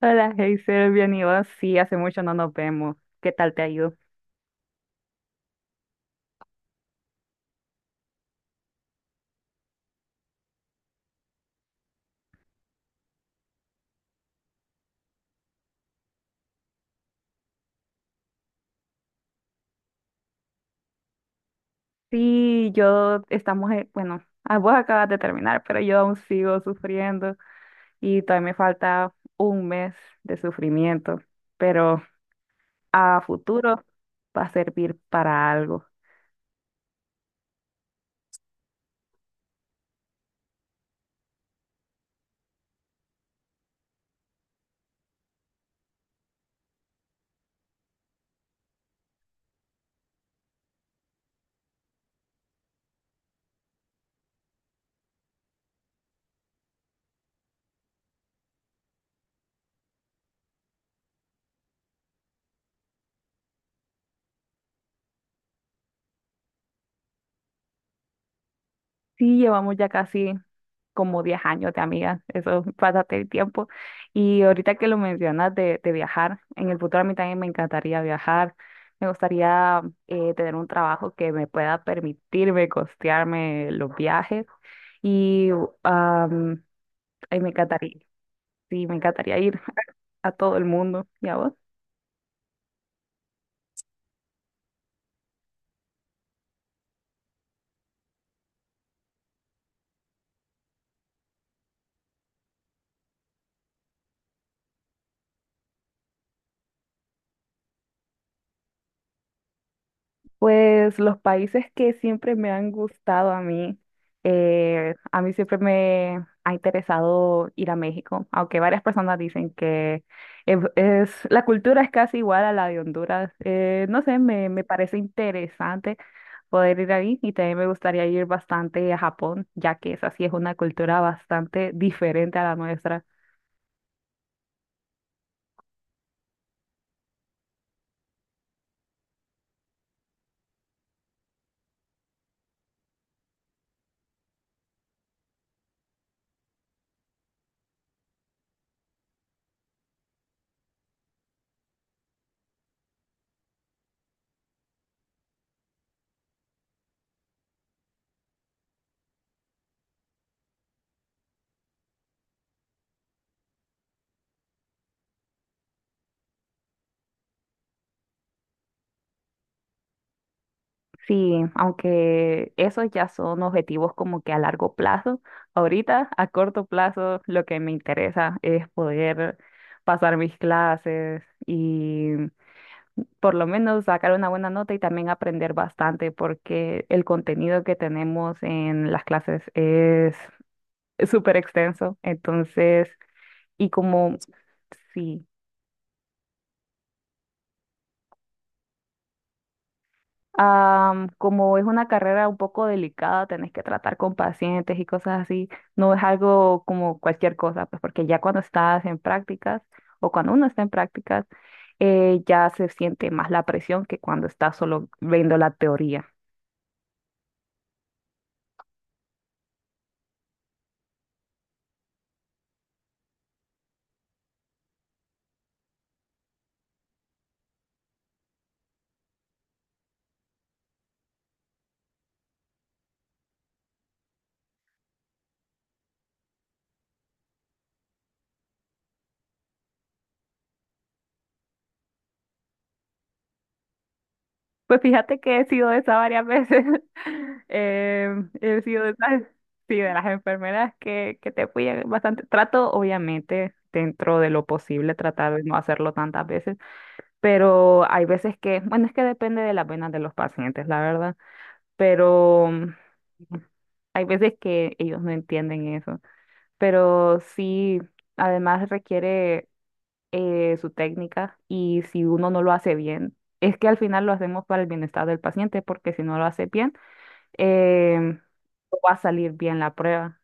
Hola, Heiser, bien y vos. Sí, hace mucho no nos vemos. ¿Qué tal te ha ido? Sí, yo estamos, bueno, vos acabas de terminar, pero yo aún sigo sufriendo y todavía me falta 1 mes de sufrimiento, pero a futuro va a servir para algo. Sí, llevamos ya casi como 10 años de amigas, eso, pásate el tiempo. Y ahorita que lo mencionas de viajar, en el futuro a mí también me encantaría viajar, me gustaría tener un trabajo que me pueda permitirme costearme los viajes y am, ay, me encantaría, sí, me encantaría ir a todo el mundo. ¿Y a vos? Pues los países que siempre me han gustado a mí siempre me ha interesado ir a México, aunque varias personas dicen que la cultura es casi igual a la de Honduras. No sé, me parece interesante poder ir ahí y también me gustaría ir bastante a Japón, ya que esa sí es una cultura bastante diferente a la nuestra. Sí, aunque esos ya son objetivos como que a largo plazo. Ahorita, a corto plazo, lo que me interesa es poder pasar mis clases y por lo menos sacar una buena nota y también aprender bastante porque el contenido que tenemos en las clases es súper extenso. Entonces, y como, sí. Como es una carrera un poco delicada, tenés que tratar con pacientes y cosas así. No es algo como cualquier cosa, pues porque ya cuando estás en prácticas o cuando uno está en prácticas, ya se siente más la presión que cuando estás solo viendo la teoría. Pues fíjate que he sido de esa varias veces. He sido de esas, sí, de las enfermeras que te fui bastante. Trato, obviamente, dentro de lo posible, tratar de no hacerlo tantas veces, pero hay veces que, bueno, es que depende de las venas de los pacientes, la verdad, pero hay veces que ellos no entienden eso, pero sí, además requiere su técnica y si uno no lo hace bien, es que al final lo hacemos para el bienestar del paciente, porque si no lo hace bien, em, no va a salir bien la prueba.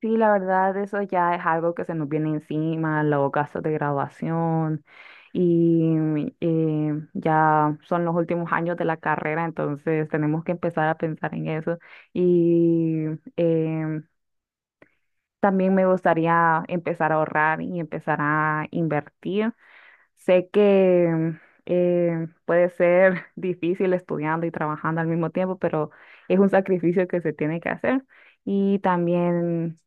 Sí, la verdad, eso ya es algo que se nos viene encima, los gastos de graduación y ya son los últimos años de la carrera, entonces tenemos que empezar a pensar en eso. Y em, también me gustaría empezar a ahorrar y empezar a invertir. Sé que puede ser difícil estudiando y trabajando al mismo tiempo, pero es un sacrificio que se tiene que hacer. Y también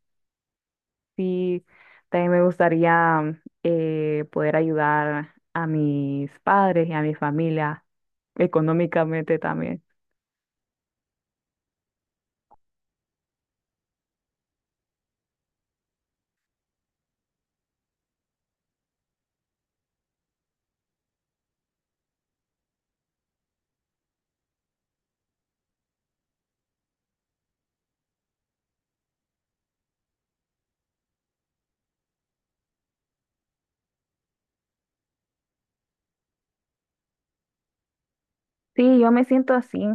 sí, también me gustaría poder ayudar a mis padres y a mi familia económicamente también. Sí, yo me siento así.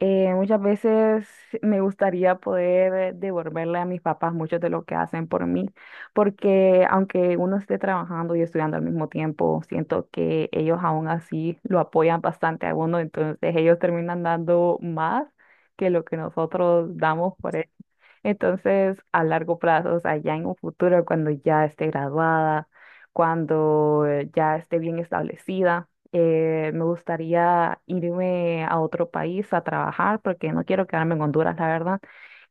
Muchas veces me gustaría poder devolverle a mis papás mucho de lo que hacen por mí, porque aunque uno esté trabajando y estudiando al mismo tiempo, siento que ellos aún así lo apoyan bastante a uno, entonces ellos terminan dando más que lo que nosotros damos por él. Entonces, a largo plazo, o sea, ya en un futuro, cuando ya esté graduada, cuando ya esté bien establecida, me gustaría irme a otro país a trabajar, porque no quiero quedarme en Honduras, la verdad.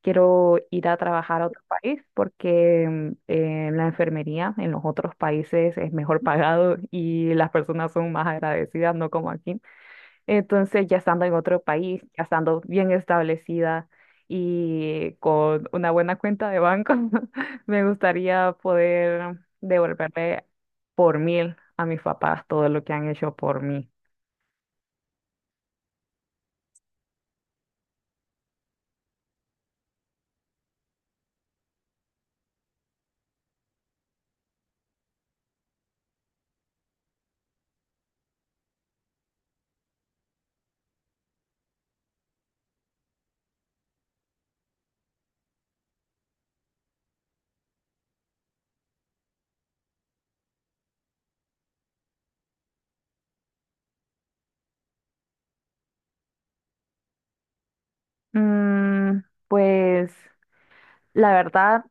Quiero ir a trabajar a otro país porque la enfermería en los otros países es mejor pagado y las personas son más agradecidas, no como aquí. Entonces, ya estando en otro país, ya estando bien establecida y con una buena cuenta de banco, me gustaría poder devolverle por mil a mis papás todo lo que han hecho por mí. Mm, pues la verdad,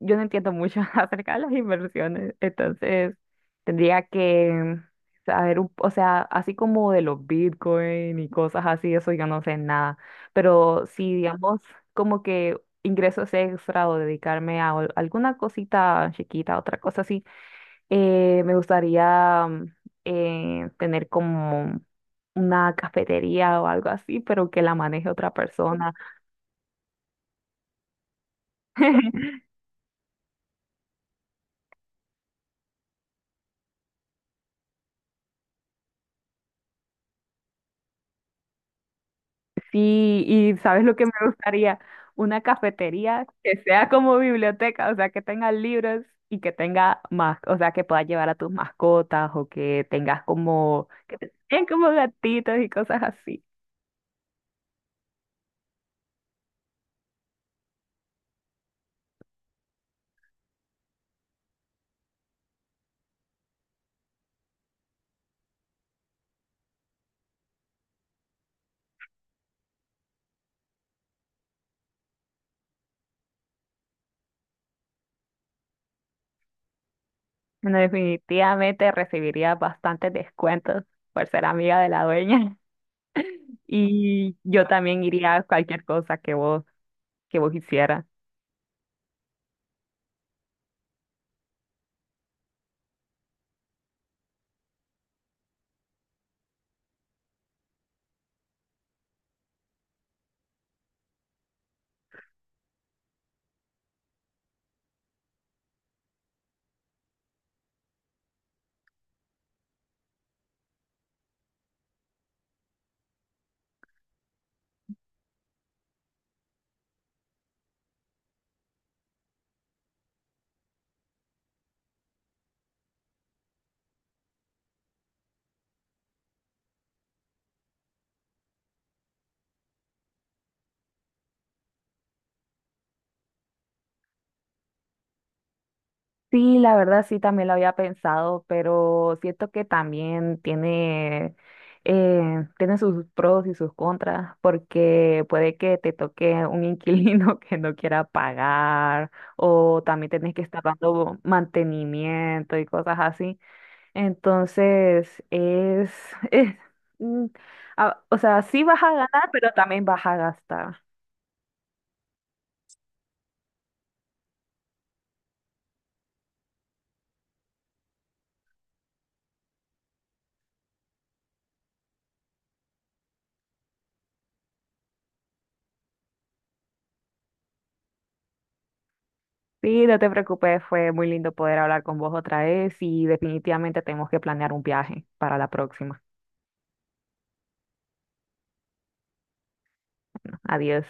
yo no entiendo mucho acerca de las inversiones, entonces tendría que saber, o sea, así como de los Bitcoin y cosas así, eso yo no sé nada, pero si digamos como que ingresos extra o dedicarme a alguna cosita chiquita, otra cosa así, me gustaría tener como una cafetería o algo así, pero que la maneje otra persona. Sí, ¿y sabes lo que me gustaría? Una cafetería que sea como biblioteca, o sea, que tenga libros y que tenga más, o sea, que puedas llevar a tus mascotas o que tengas como, que te tengan como gatitos y cosas así. Bueno, definitivamente recibiría bastantes descuentos por ser amiga de la dueña. Y yo también iría a cualquier cosa que que vos hicieras. Sí, la verdad sí también lo había pensado, pero siento que también tiene, tiene sus pros y sus contras, porque puede que te toque un inquilino que no quiera pagar, o también tenés que estar dando mantenimiento y cosas así. Entonces, es, mm, o sea, sí vas a ganar, pero también vas a gastar. Sí, no te preocupes, fue muy lindo poder hablar con vos otra vez y definitivamente tenemos que planear un viaje para la próxima. Adiós.